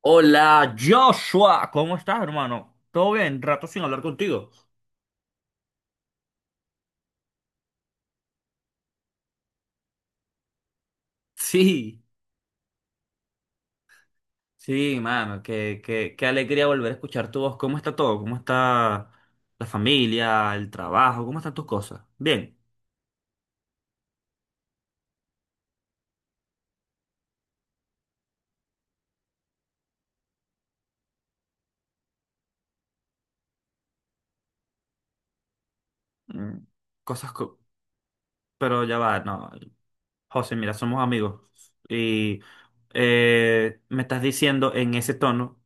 Hola Joshua, ¿cómo estás, hermano? ¿Todo bien? Rato sin hablar contigo. Sí, sí, mano, qué alegría volver a escuchar tu voz. ¿Cómo está todo? ¿Cómo está la familia, el trabajo? ¿Cómo están tus cosas? Bien. Mm, Cosas, co- pero ya va, no. José, mira, somos amigos. Y me estás diciendo en ese tono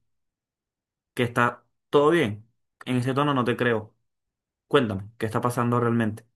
que está todo bien. En ese tono no te creo. Cuéntame, ¿qué está pasando realmente?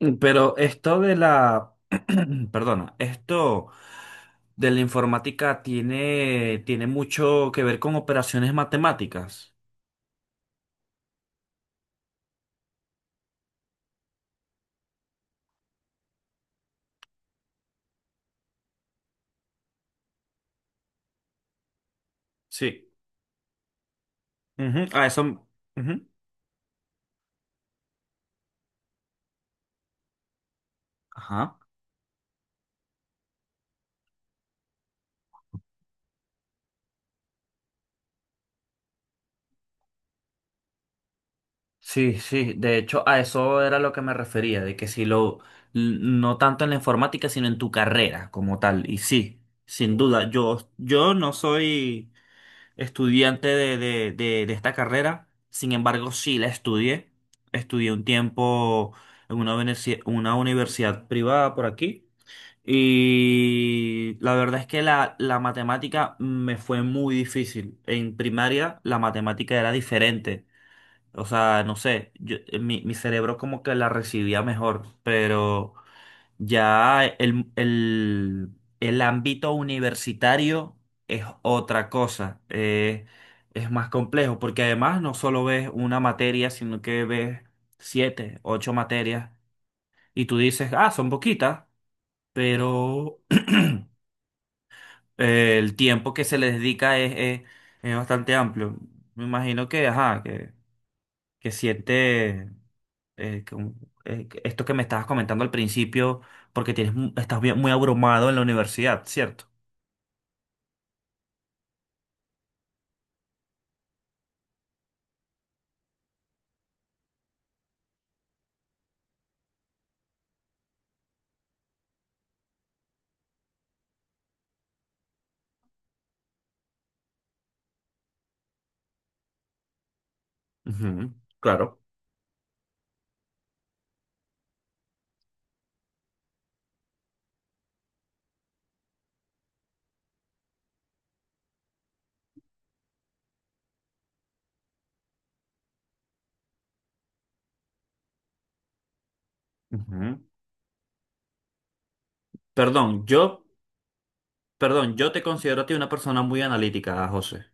Mm, pero esto de la, perdona, esto de la informática tiene, tiene mucho que ver con operaciones matemáticas. Sí. Ujú. A eso, ujú. Ajá. Sí, sí, de hecho a eso era lo que me refería, de que si lo, l- no tanto en la informática, sino en tu carrera como tal. Y sí, sin duda, yo no soy... estudiante de esta carrera. Sin embargo, sí la estudié. Estudié un tiempo en una, universi- una universidad privada por aquí. Y la verdad es que la matemática me fue muy difícil. En primaria la matemática era diferente. O sea, no sé, yo- mi cerebro como que la recibía mejor, pero ya el ámbito universitario es otra cosa, es más complejo, porque además no solo ves una materia, sino que ves siete, ocho materias, y tú dices, ah, son poquitas, pero el tiempo que se le dedica es, es- es bastante amplio. Me imagino que, ajá, que siete, eh, que un- que esto que me estabas comentando al principio, porque tienes, mu- estás bien- muy abrumado en la universidad, ¿cierto? Ujú, claro. Ujú. Perdón, yo, perdón, yo te considero a ti una persona muy analítica, José.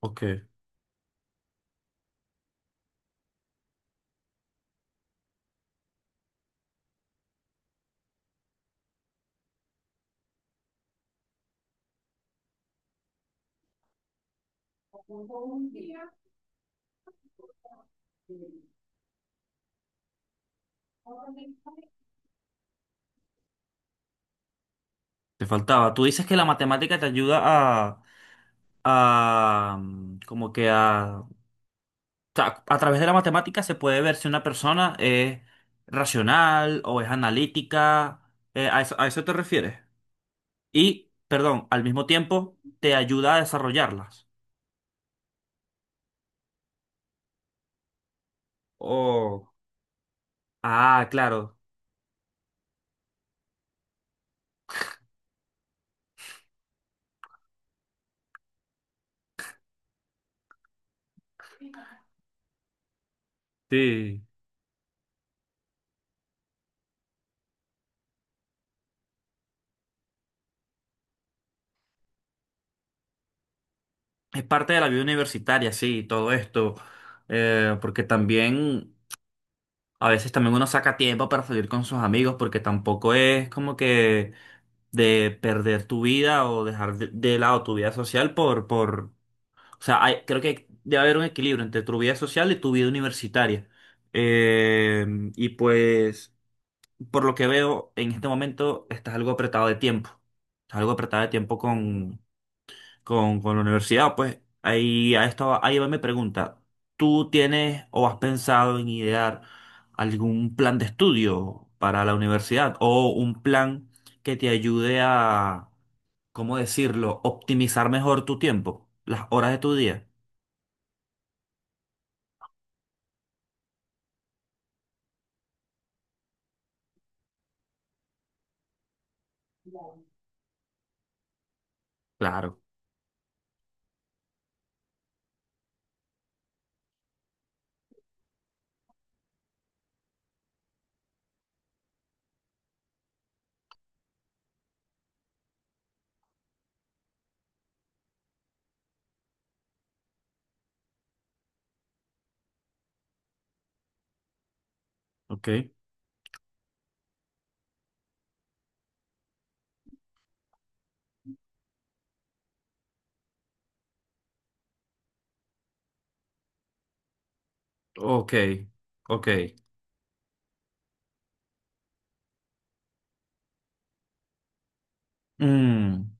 Ok. Te faltaba. Tú dices que la matemática te ayuda a, como que a, o sea, a través de la matemática se puede ver si una persona es racional o es analítica. A eso te refieres. Y, perdón, al mismo tiempo te ayuda a desarrollarlas. Oh, ah, claro. Sí. Es parte de la vida universitaria, sí, todo esto, porque también a veces también uno saca tiempo para salir con sus amigos, porque tampoco es como que de perder tu vida o dejar de lado tu vida social o sea, hay- creo que debe haber un equilibrio entre tu vida social y tu vida universitaria. Eh, y pues, por lo que veo, en este momento estás algo apretado de tiempo, estás algo apretado de tiempo con la universidad, pues ahí, a esto, ahí va mi pregunta. ¿Tú tienes o has pensado en idear algún plan de estudio para la universidad o un plan que te ayude a, ¿cómo decirlo?, optimizar mejor tu tiempo, las horas de tu día? Claro, ok, ok, ok. Mm,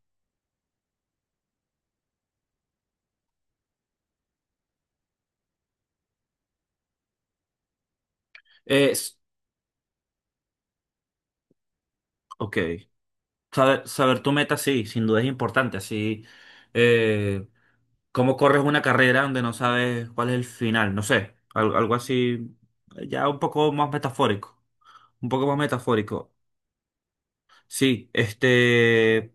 es, ok. Saber, saber tu meta, sí, sin duda es importante, así. eh, ¿Cómo corres una carrera donde no sabes cuál es el final? No sé, al- algo, así, ya un poco más metafórico, un poco más metafórico. Sí, este,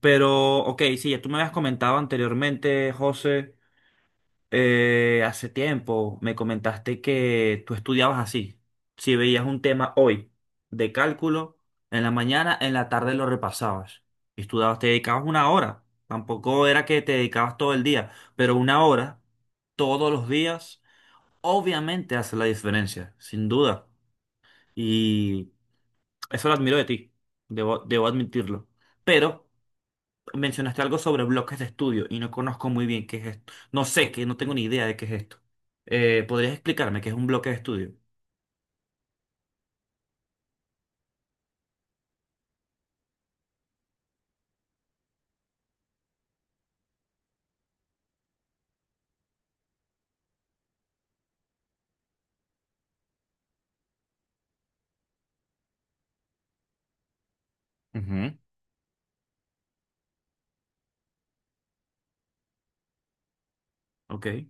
pero, ok, sí, ya tú me habías comentado anteriormente, José, hace tiempo me comentaste que tú estudiabas así. Si veías un tema hoy de cálculo, en la mañana, en la tarde lo repasabas. Estudiabas, te dedicabas una hora. Tampoco era que te dedicabas todo el día, pero una hora todos los días, obviamente hace la diferencia, sin duda. Y eso lo admiro de ti, debo, debo admitirlo. Pero mencionaste algo sobre bloques de estudio y no conozco muy bien qué es esto. No sé, que no tengo ni idea de qué es esto. ¿Podrías explicarme qué es un bloque de estudio? Ujú. Ok.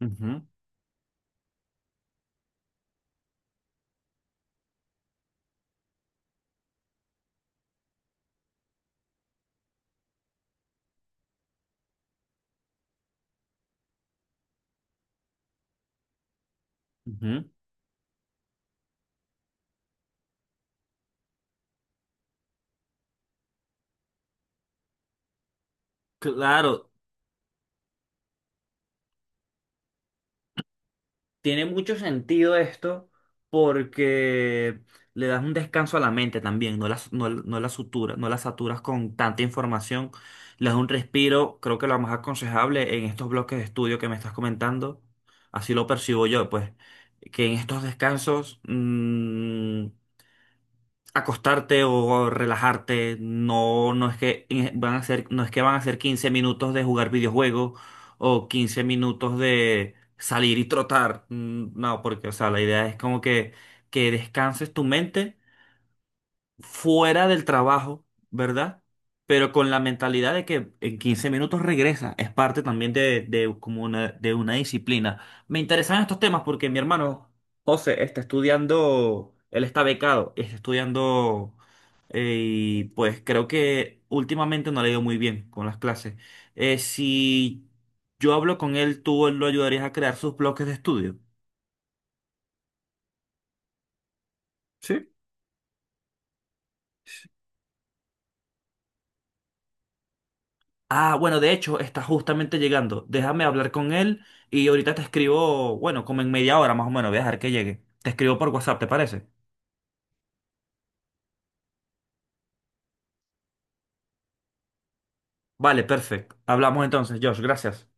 Ujú, ujú. Claro. Tiene mucho sentido esto porque le das un descanso a la mente también, no la, no, no la sutura- no la saturas con tanta información, le das un respiro, creo que lo más aconsejable en estos bloques de estudio que me estás comentando, así lo percibo yo, pues, que en estos descansos acostarte o relajarte, no, no es que van a ser, no es que van a ser 15 minutos de jugar videojuegos o 15 minutos de salir y trotar. Mm, no, porque, o sea, la idea es como que descanses tu mente fuera del trabajo, ¿verdad? Pero con la mentalidad de que en 15 minutos regresa. Es parte también de como una, de una disciplina. Me interesan estos temas porque mi hermano José está estudiando, él está becado, está estudiando y pues creo que últimamente no le ha ido muy bien con las clases. Si yo hablo con él, ¿tú lo ayudarías a crear sus bloques de estudio? Sí. Ah, bueno, de hecho, está justamente llegando. Déjame hablar con él y ahorita te escribo, bueno, como en media hora más o menos, voy a dejar que llegue. Te escribo por WhatsApp, ¿te parece? Vale, perfecto. Hablamos entonces, Josh, gracias.